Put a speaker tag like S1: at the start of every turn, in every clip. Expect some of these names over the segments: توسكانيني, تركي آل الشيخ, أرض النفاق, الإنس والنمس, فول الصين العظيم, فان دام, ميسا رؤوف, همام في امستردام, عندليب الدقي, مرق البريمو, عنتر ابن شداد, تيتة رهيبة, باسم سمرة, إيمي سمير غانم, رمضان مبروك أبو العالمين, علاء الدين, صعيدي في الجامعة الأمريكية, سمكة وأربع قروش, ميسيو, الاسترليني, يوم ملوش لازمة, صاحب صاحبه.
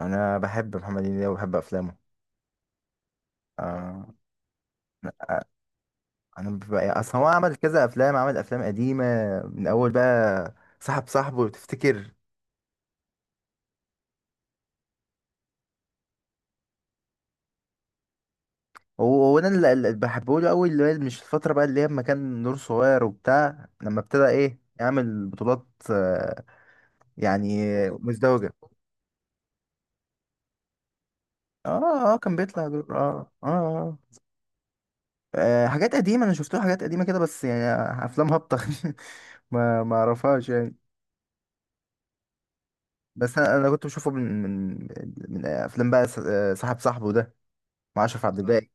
S1: انا بحب محمد هنيدي وبحب افلامه. آه، انا ببقى اصلا هو عمل كذا افلام، عمل افلام قديمه من اول بقى، صاحب صاحبه لو تفتكر. هو انا اللي بحبه له اول، اللي هي مش الفتره بقى، اللي هي لما كان نور صغير وبتاع، لما ابتدى ايه يعمل بطولات. آه، يعني مزدوجه. اه اه، كان بيطلع دور اه اه, آه. آه، حاجات قديمه، انا شفت له حاجات قديمه كده بس يعني افلام هابطه ما اعرفهاش يعني. بس أنا كنت بشوفه من من افلام بقى آه، صاحب صاحبه ده مع اشرف عبد آه. الباقي.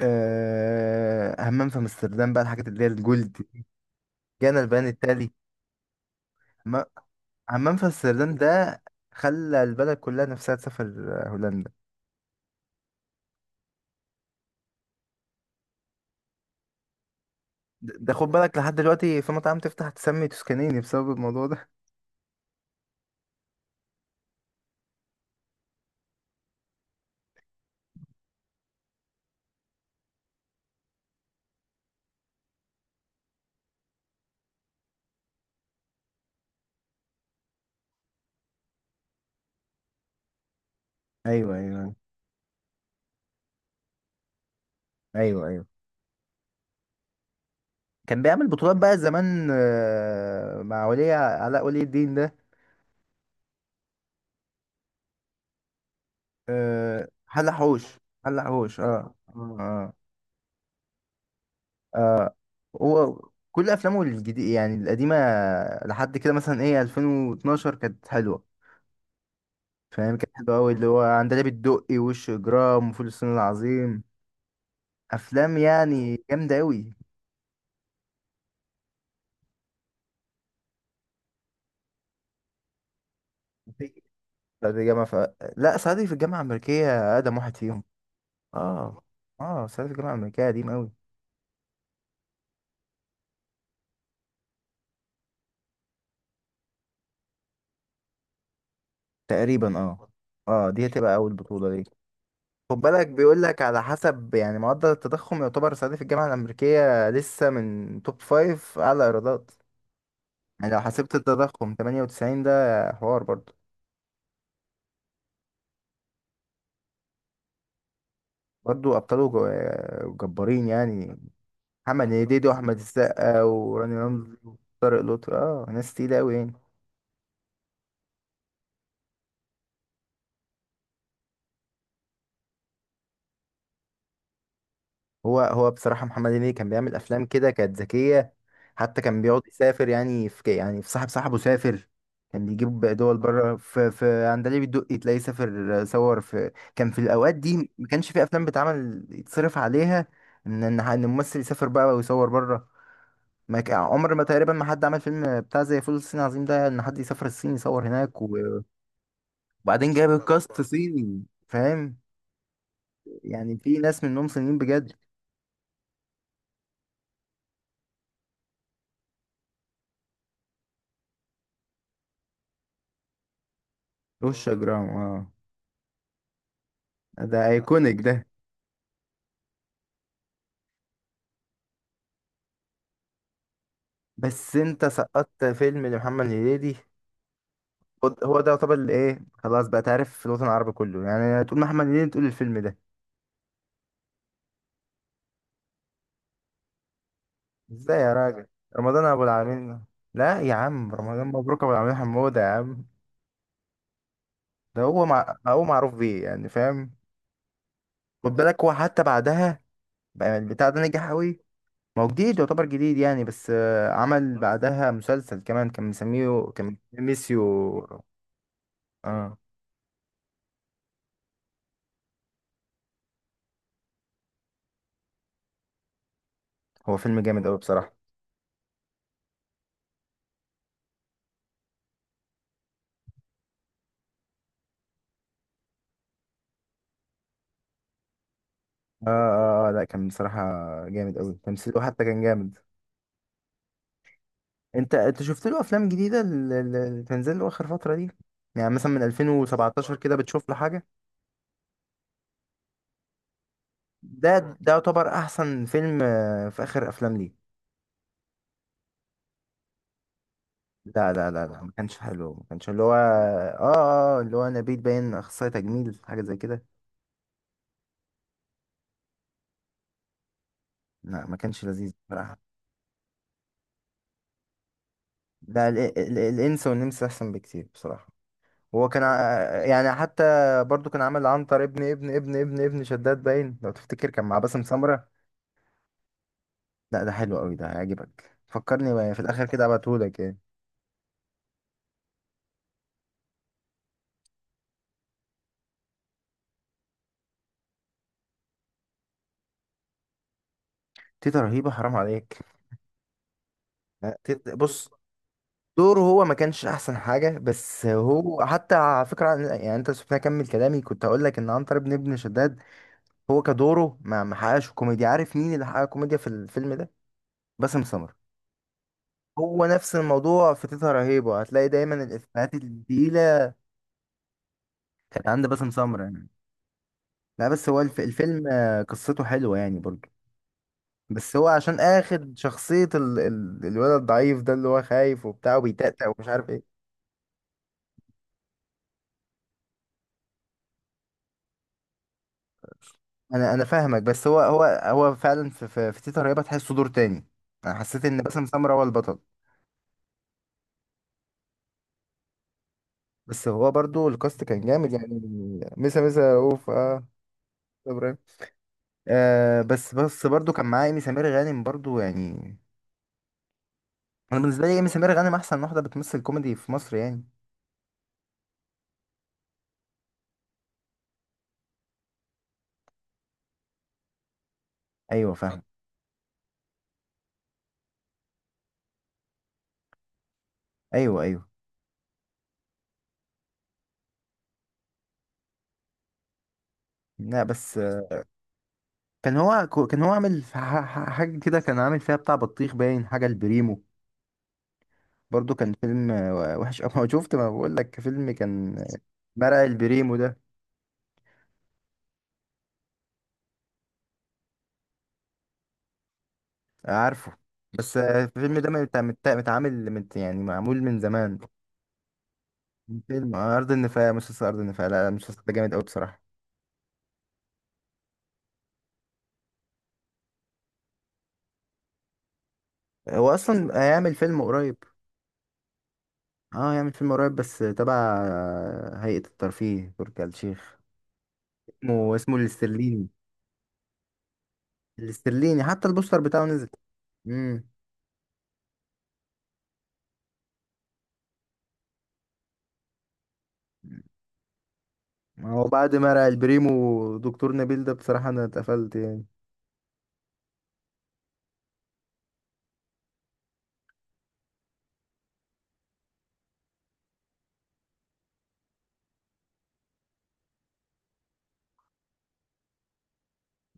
S1: أه، همام في امستردام بقى، الحاجات اللي هي الجولد. جانا البيان التالي. هم- همام في امستردام ده خلى البلد كلها نفسها تسافر، آه، هولندا. ده خد بالك لحد دلوقتي في مطاعم تفتح تسمي توسكانيني بسبب الموضوع ده. ايوه ايوه، ايوه ايوه. كان بيعمل بطولات بقى زمان، آه، مع ولي علاء ولي الدين ده. آه، حلق حوش. حلق حوش، اه اه. آه، هو كل افلامه الجديد يعني القديمه لحد كده. مثلا، ايه 2012 كانت حلوه. فاهم؟ كانت حلوه قوي، اللي هو عندليب الدقي وش اجرام وفول الصين العظيم، افلام يعني جامده قوي. صعيدي في الجامعه ف... لا، صعيدي في الجامعه الامريكيه اقدم واحد فيهم. اه اه، صعيدي في الجامعه الامريكيه قديم قوي. تقريبا اه. اه، دي هتبقى اول بطوله ليه. خد بالك بيقول لك على حسب يعني معدل التضخم، يعتبر صعيدي في الجامعه الامريكيه لسه من توب فايف اعلى ايرادات. يعني لو حسبت التضخم 98 ده، حوار برضو. برضو أبطاله جبارين يعني. محمد هنيدي وأحمد السقا وراني رمزي وطارق لطفي، اه، ناس تقيلة أوي يعني. هو بصراحة محمد هنيدي كان بيعمل أفلام كده كانت ذكية. حتى كان بيقعد يسافر يعني، في يعني في صاحب صاحبه سافر. كان بيجيب دول بره، في عندليب الدقي تلاقيه سافر صور. في كان في الأوقات دي ما كانش في أفلام بتعمل يتصرف عليها إن الممثل يسافر بقى ويصور بره. ما ك- عمر ما تقريبا ما حد عمل فيلم بتاع زي فول الصين العظيم ده، ان حد يسافر الصين يصور هناك، و- وبعدين جايب الكاست صيني، فاهم؟ يعني في ناس منهم صينيين بجد. وش جرام، اه، ده ايكونيك ده. بس انت سقطت فيلم لمحمد هنيدي. هو ده يعتبر اللي ايه، خلاص بقى، تعرف في الوطن العربي كله يعني تقول محمد هنيدي تقول الفيلم ده. ازاي يا راجل؟ رمضان ابو العالمين. لا يا عم، رمضان مبروك ابو العالمين حموده يا عم. ده هو مع... هو معروف بيه يعني، فاهم؟ خد بالك، هو حتى بعدها بقى البتاع ده نجح قوي. ما هو جديد، يعتبر جديد يعني. بس آه، عمل بعدها مسلسل كمان، كان مسميه، كان ميسيو. اه، هو فيلم جامد قوي بصراحة. اه اه، آه، لا كان بصراحة جامد قوي. تمثيله حتى كان جامد. انت شفت له افلام جديدة، اللي تنزل له اخر فترة دي؟ يعني مثلا من 2017 كده بتشوف له حاجة؟ ده يعتبر احسن فيلم، آه، في اخر افلام ليه. لا لا لا لا، ما كانش حلو. ما كانش اللي هو اه اه اللي هو نبيل باين اخصائي تجميل حاجة زي كده. لا، ما كانش لذيذ بصراحة. لا، الإنس والنمس أحسن بكتير بصراحة. هو كان يعني حتى برضو كان عامل عنتر ابن ابن شداد، باين لو تفتكر، كان مع باسم سمرة. لا، ده حلو قوي، ده هيعجبك. فكرني بقى في الآخر كده ابعتهولك يعني. تيتا رهيبة، حرام عليك. لا، تيتا- بص، دوره هو ما كانش أحسن حاجة. بس هو حتى على فكرة يعني أنت سبتني أكمل كلامي. كنت هقول لك إن عنتر ابن شداد، هو كدوره ما حققش كوميديا. عارف مين اللي حقق كوميديا في الفيلم ده؟ باسم سمرة. هو نفس الموضوع في تيتة رهيبة، هتلاقي دايما الإفيهات التقيلة كانت عند باسم سمرة يعني. لا بس هو الف... الفيلم، آه، قصته حلوة يعني برضه. بس هو عشان آخد شخصية ال... الولد الضعيف ده، اللي هو خايف وبتاع وبيتأتأ ومش عارف ايه. أنا فاهمك. بس هو فعلا في في تيتة رهيبة تحسه دور تاني. أنا حسيت إن باسم سمرة هو البطل. بس هو برضه الكاست كان جامد يعني. ميسا رؤوف، اه، إبراهيم. آه، بس برضه كان معاه إيمي سمير غانم برضه يعني. انا بالنسبه لي ايمي سمير غانم احسن واحده بتمثل كوميدي في مصر يعني. ايوه فاهم. ايوه ايوه. لا بس آه، كان هو كان هو عامل حاجه كده. كان عامل فيها بتاع بطيخ، باين حاجه البريمو. برضو كان فيلم، آه، وحش قوي شفت، ما بقول لك فيلم كان آه، مرق البريمو ده. آه، عارفه. بس آه، الفيلم ده مت- مت- متعامل مت يعني معمول من زمان. فيلم، آه، ارض النفاق، مسلسل ارض النفاق. لا لا، المسلسل ده جامد قوي بصراحه. هو اصلا هيعمل فيلم قريب. اه، يعمل فيلم قريب بس تبع هيئة الترفيه، تركي آل الشيخ. اسمه الاسترليني. الاسترليني، حتى البوستر بتاعه نزل. امم. هو بعد ما رأى البريمو دكتور نبيل ده، بصراحة انا اتقفلت يعني.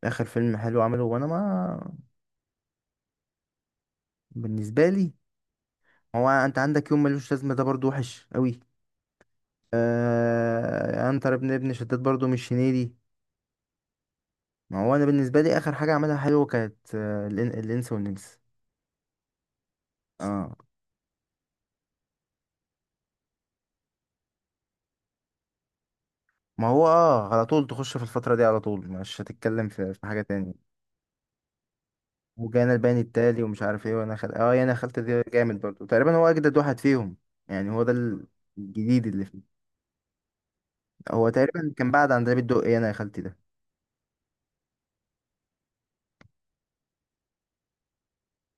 S1: اخر فيلم حلو عمله، وانا ما، بالنسبة لي. هو انت عندك يوم ملوش لازمة ده برضو وحش قوي. آه، عنتر ابن شداد برضو مش هنيدي. ما هو انا بالنسبة لي اخر حاجة عملها حلوة كانت آه، الانس والنمس. اه، ما هو اه، على طول تخش في الفترة دي، على طول مش هتتكلم في حاجة تاني. وجانا البيان التالي ومش عارف ايه. وانا خل... اه، انا خلت دي جامد برضو. تقريبا هو اجدد واحد فيهم. يعني هو ده ال- الجديد اللي فيه. هو تقريبا كان بعد عن ده بيدق ايه انا يا خالتي ده.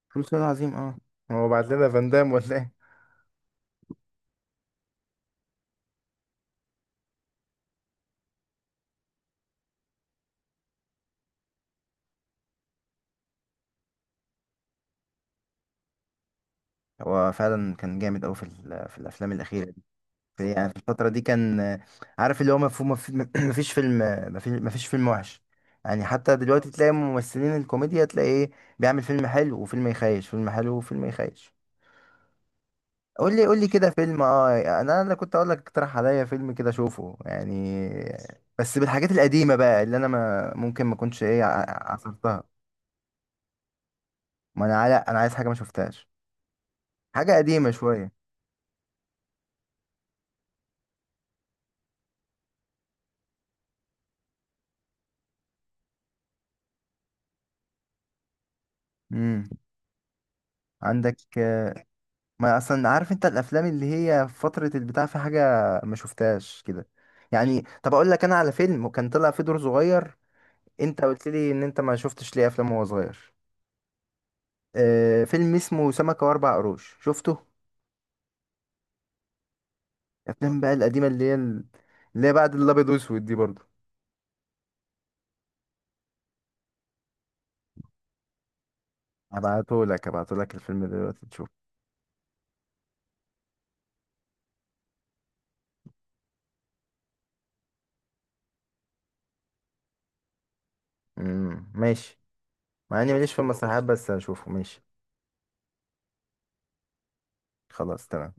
S1: فلوس العظيم، اه، هو بعت لنا فان دام ولا ايه؟ هو فعلا كان جامد اوي في ال- في الافلام الاخيرة. يعني في الفترة دي كان، عارف، اللي هو مفهوم، مفيش فيلم. مفيش فيلم وحش. يعني حتى دلوقتي تلاقي ممثلين الكوميديا تلاقي ايه، بيعمل فيلم حلو وفيلم يخيش، فيلم حلو وفيلم يخيش. قول لي كده فيلم. اه، انا كنت اقول لك اقترح عليا فيلم كده اشوفه يعني. بس بالحاجات القديمة بقى، اللي انا ما ممكن ما كنتش ايه عصرتها. ما انا على، انا عايز حاجة ما شفتهاش، حاجة قديمة شوية. امم، عندك؟ ما اصلا عارف انت الافلام اللي هي في فتره البتاع، في حاجه ما شفتهاش كده؟ يعني طب اقول لك انا على فيلم، وكان طلع فيه دور صغير. انت قلت لي ان انت ما شفتش ليه افلام وهو صغير. آه، فيلم اسمه سمكه واربع قروش، شفته؟ الافلام بقى القديمه، اللي هي اللي هي بعد الابيض واسود دي برضو. ابعته لك، ابعته لك الفيلم دلوقتي تشوفه. امم، ماشي. مع اني ماليش في المسرحيات، بس هشوفه ماشي. خلاص، تمام.